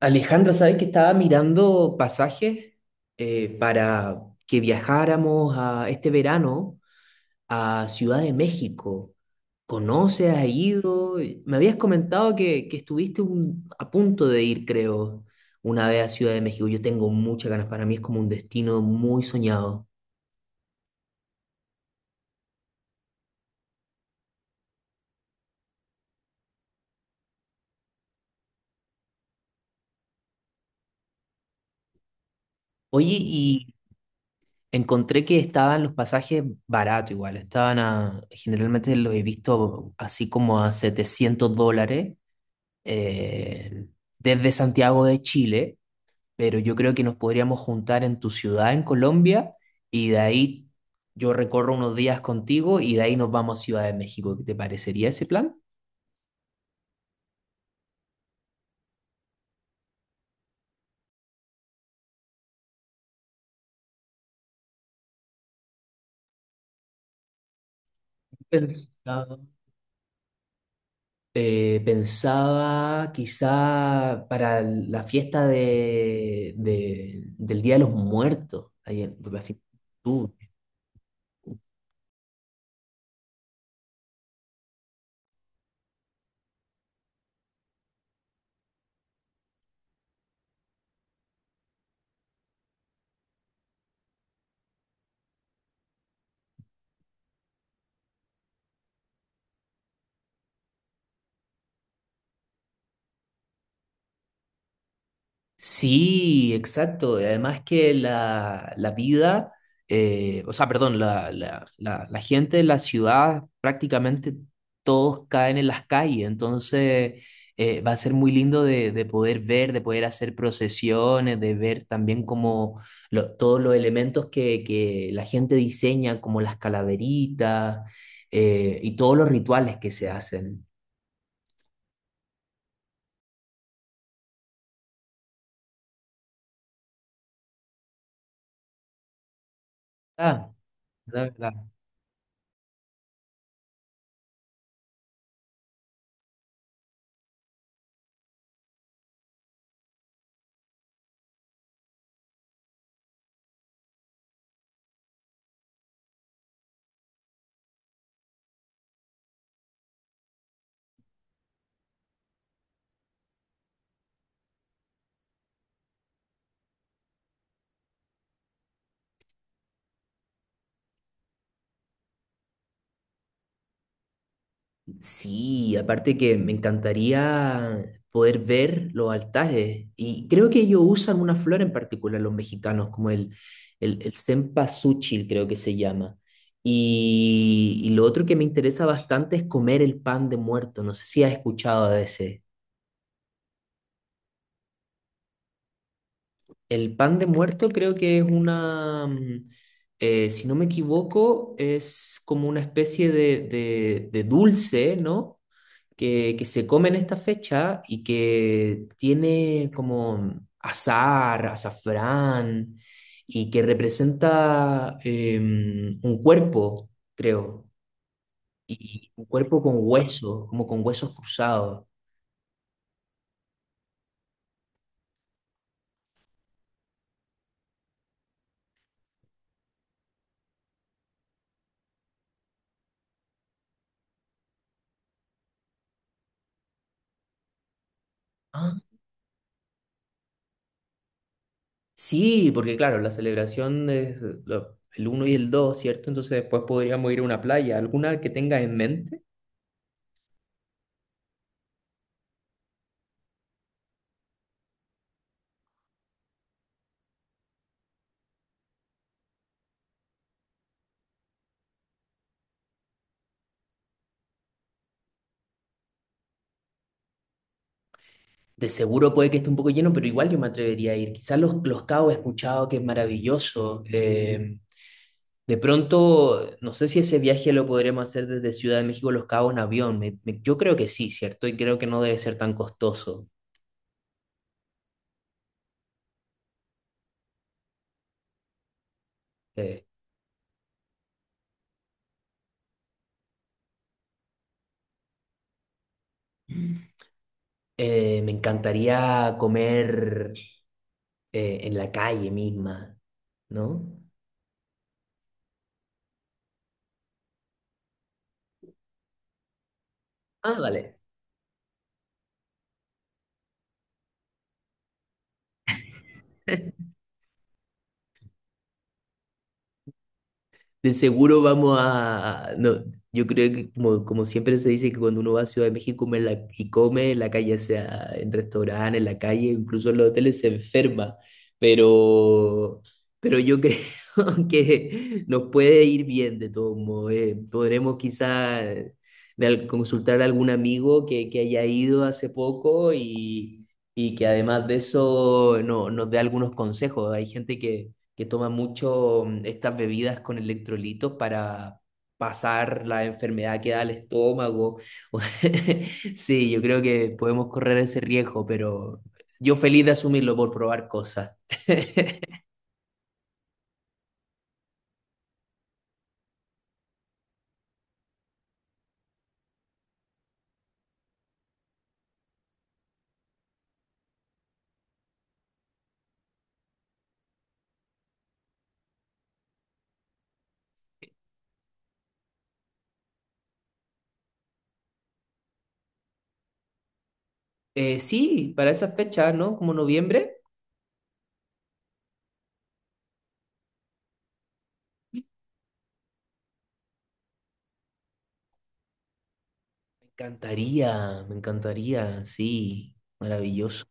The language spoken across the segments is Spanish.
Alejandra, ¿sabes que estaba mirando pasajes para que viajáramos a este verano a Ciudad de México? ¿Conoces? ¿Has ido? Me habías comentado que estuviste a punto de ir, creo, una vez a Ciudad de México. Yo tengo muchas ganas, para mí es como un destino muy soñado. Oye, y encontré que estaban los pasajes baratos igual, generalmente los he visto así como a $700. eh, Desde Santiago de Chile, pero yo creo que nos podríamos juntar en tu ciudad, en Colombia, y de ahí yo recorro unos días contigo y de ahí nos vamos a Ciudad de México. ¿Te parecería ese plan? Pensaba, pensaba quizá para la fiesta del Día de los Muertos, ahí en, la fiesta. Sí, exacto. Y Además que la vida, o sea, perdón, la gente de la ciudad prácticamente todos caen en las calles, entonces va a ser muy lindo de poder ver, de poder hacer procesiones, de ver también como todos los elementos que la gente diseña, como las calaveritas y todos los rituales que se hacen. Ah, verdad. Sí, aparte que me encantaría poder ver los altares. Y creo que ellos usan una flor en particular, los mexicanos, como el cempasúchil, creo que se llama. Y lo otro que me interesa bastante es comer el pan de muerto. No sé si has escuchado de ese. El pan de muerto creo que es una, si no me equivoco, es como una especie de dulce, ¿no?, que se come en esta fecha y que tiene como azar, azafrán, y que representa un cuerpo, creo, y un cuerpo con huesos, como con huesos cruzados. Ah, sí, porque claro, la celebración es el uno y el dos, ¿cierto? Entonces después podríamos ir a una playa, alguna que tengas en mente. De seguro puede que esté un poco lleno, pero igual yo me atrevería a ir. Quizás los Cabos he escuchado que es maravilloso. De pronto, no sé si ese viaje lo podríamos hacer desde Ciudad de México a Los Cabos en avión. Yo creo que sí, ¿cierto? Y creo que no debe ser tan costoso. Eh, me encantaría comer en la calle misma, ¿no? Ah, vale. De seguro vamos a... No, yo creo que como, como siempre se dice que cuando uno va a Ciudad de México come en la calle, sea en restaurantes, en la calle, incluso en los hoteles, se enferma. Pero, pero yo creo que nos puede ir bien de todos modos. Podremos quizá consultar a algún amigo que haya ido hace poco y que además de eso no, nos dé algunos consejos. Hay gente que toma mucho estas bebidas con electrolitos para pasar la enfermedad que da al estómago. Sí, yo creo que podemos correr ese riesgo, pero yo feliz de asumirlo por probar cosas. Sí, para esas fechas, ¿no? Como noviembre. Me me encantaría, sí, maravilloso.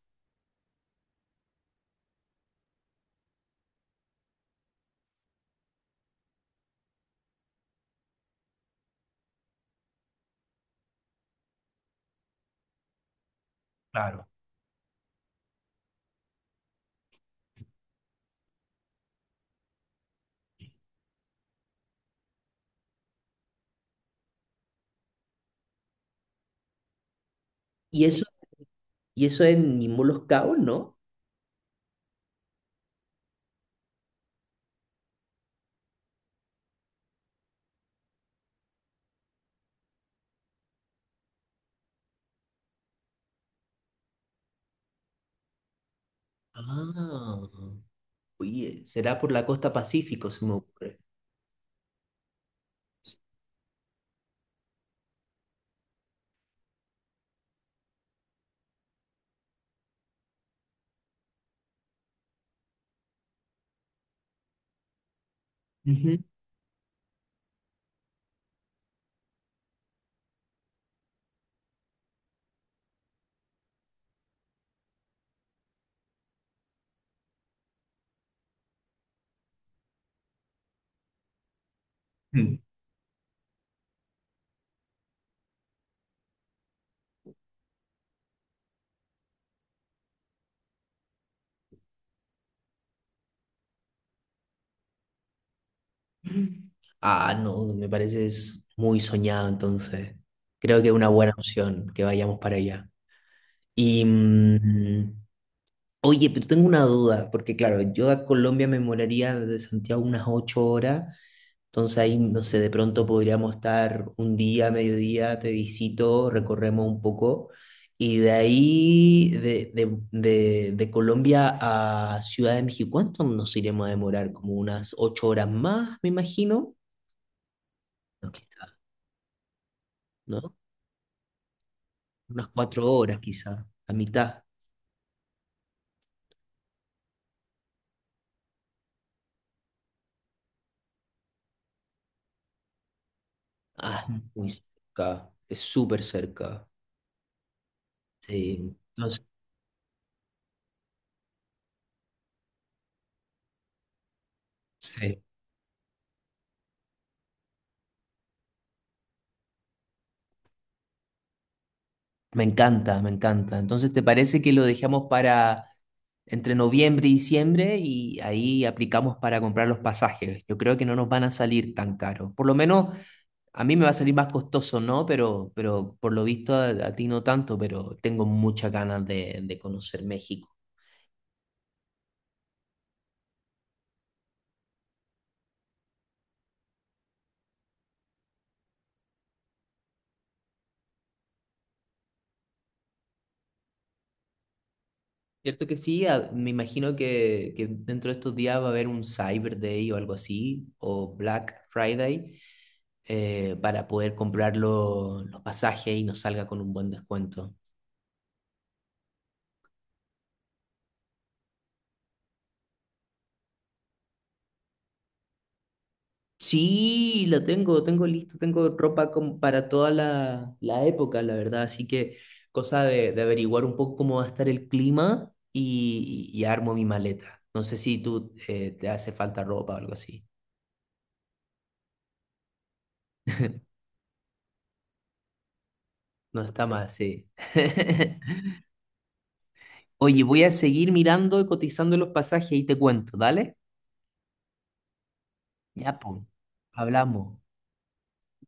Claro. Y eso, y eso en mismo Los Cabos, ¿no? Ah, oye, será por la costa Pacífico, se me ocurre. Ujú. Ah, no, me parece es muy soñado, entonces. Creo que es una buena opción que vayamos para allá. Y oye, pero tengo una duda, porque claro, yo a Colombia me moraría desde Santiago unas 8 horas, entonces ahí, no sé, de pronto podríamos estar un día, mediodía, te visito, recorremos un poco, y de ahí, de Colombia a Ciudad de México, ¿cuánto nos iremos a demorar? Como unas 8 horas más, me imagino. Ok. ¿No? Unas 4 horas quizá, a mitad. Ah, es muy cerca, es súper cerca. Sí, entonces, sí. Me encanta, me encanta. Entonces, ¿te parece que lo dejamos para entre noviembre y diciembre y ahí aplicamos para comprar los pasajes? Yo creo que no nos van a salir tan caros. Por lo menos a mí me va a salir más costoso, ¿no? Pero por lo visto a ti no tanto, pero tengo muchas ganas de conocer México. Cierto que sí, me imagino que dentro de estos días va a haber un Cyber Day o algo así, o Black Friday, para poder comprar los pasajes y nos salga con un buen descuento. Sí, la tengo, tengo listo, tengo ropa como para toda la época, la verdad, así que cosa de averiguar un poco cómo va a estar el clima y armo mi maleta. No sé si tú te hace falta ropa o algo así. No está mal, sí. Oye, voy a seguir mirando y cotizando los pasajes y te cuento, ¿dale? Ya, pues. Hablamos.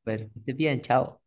Pero, que estés bien, chao.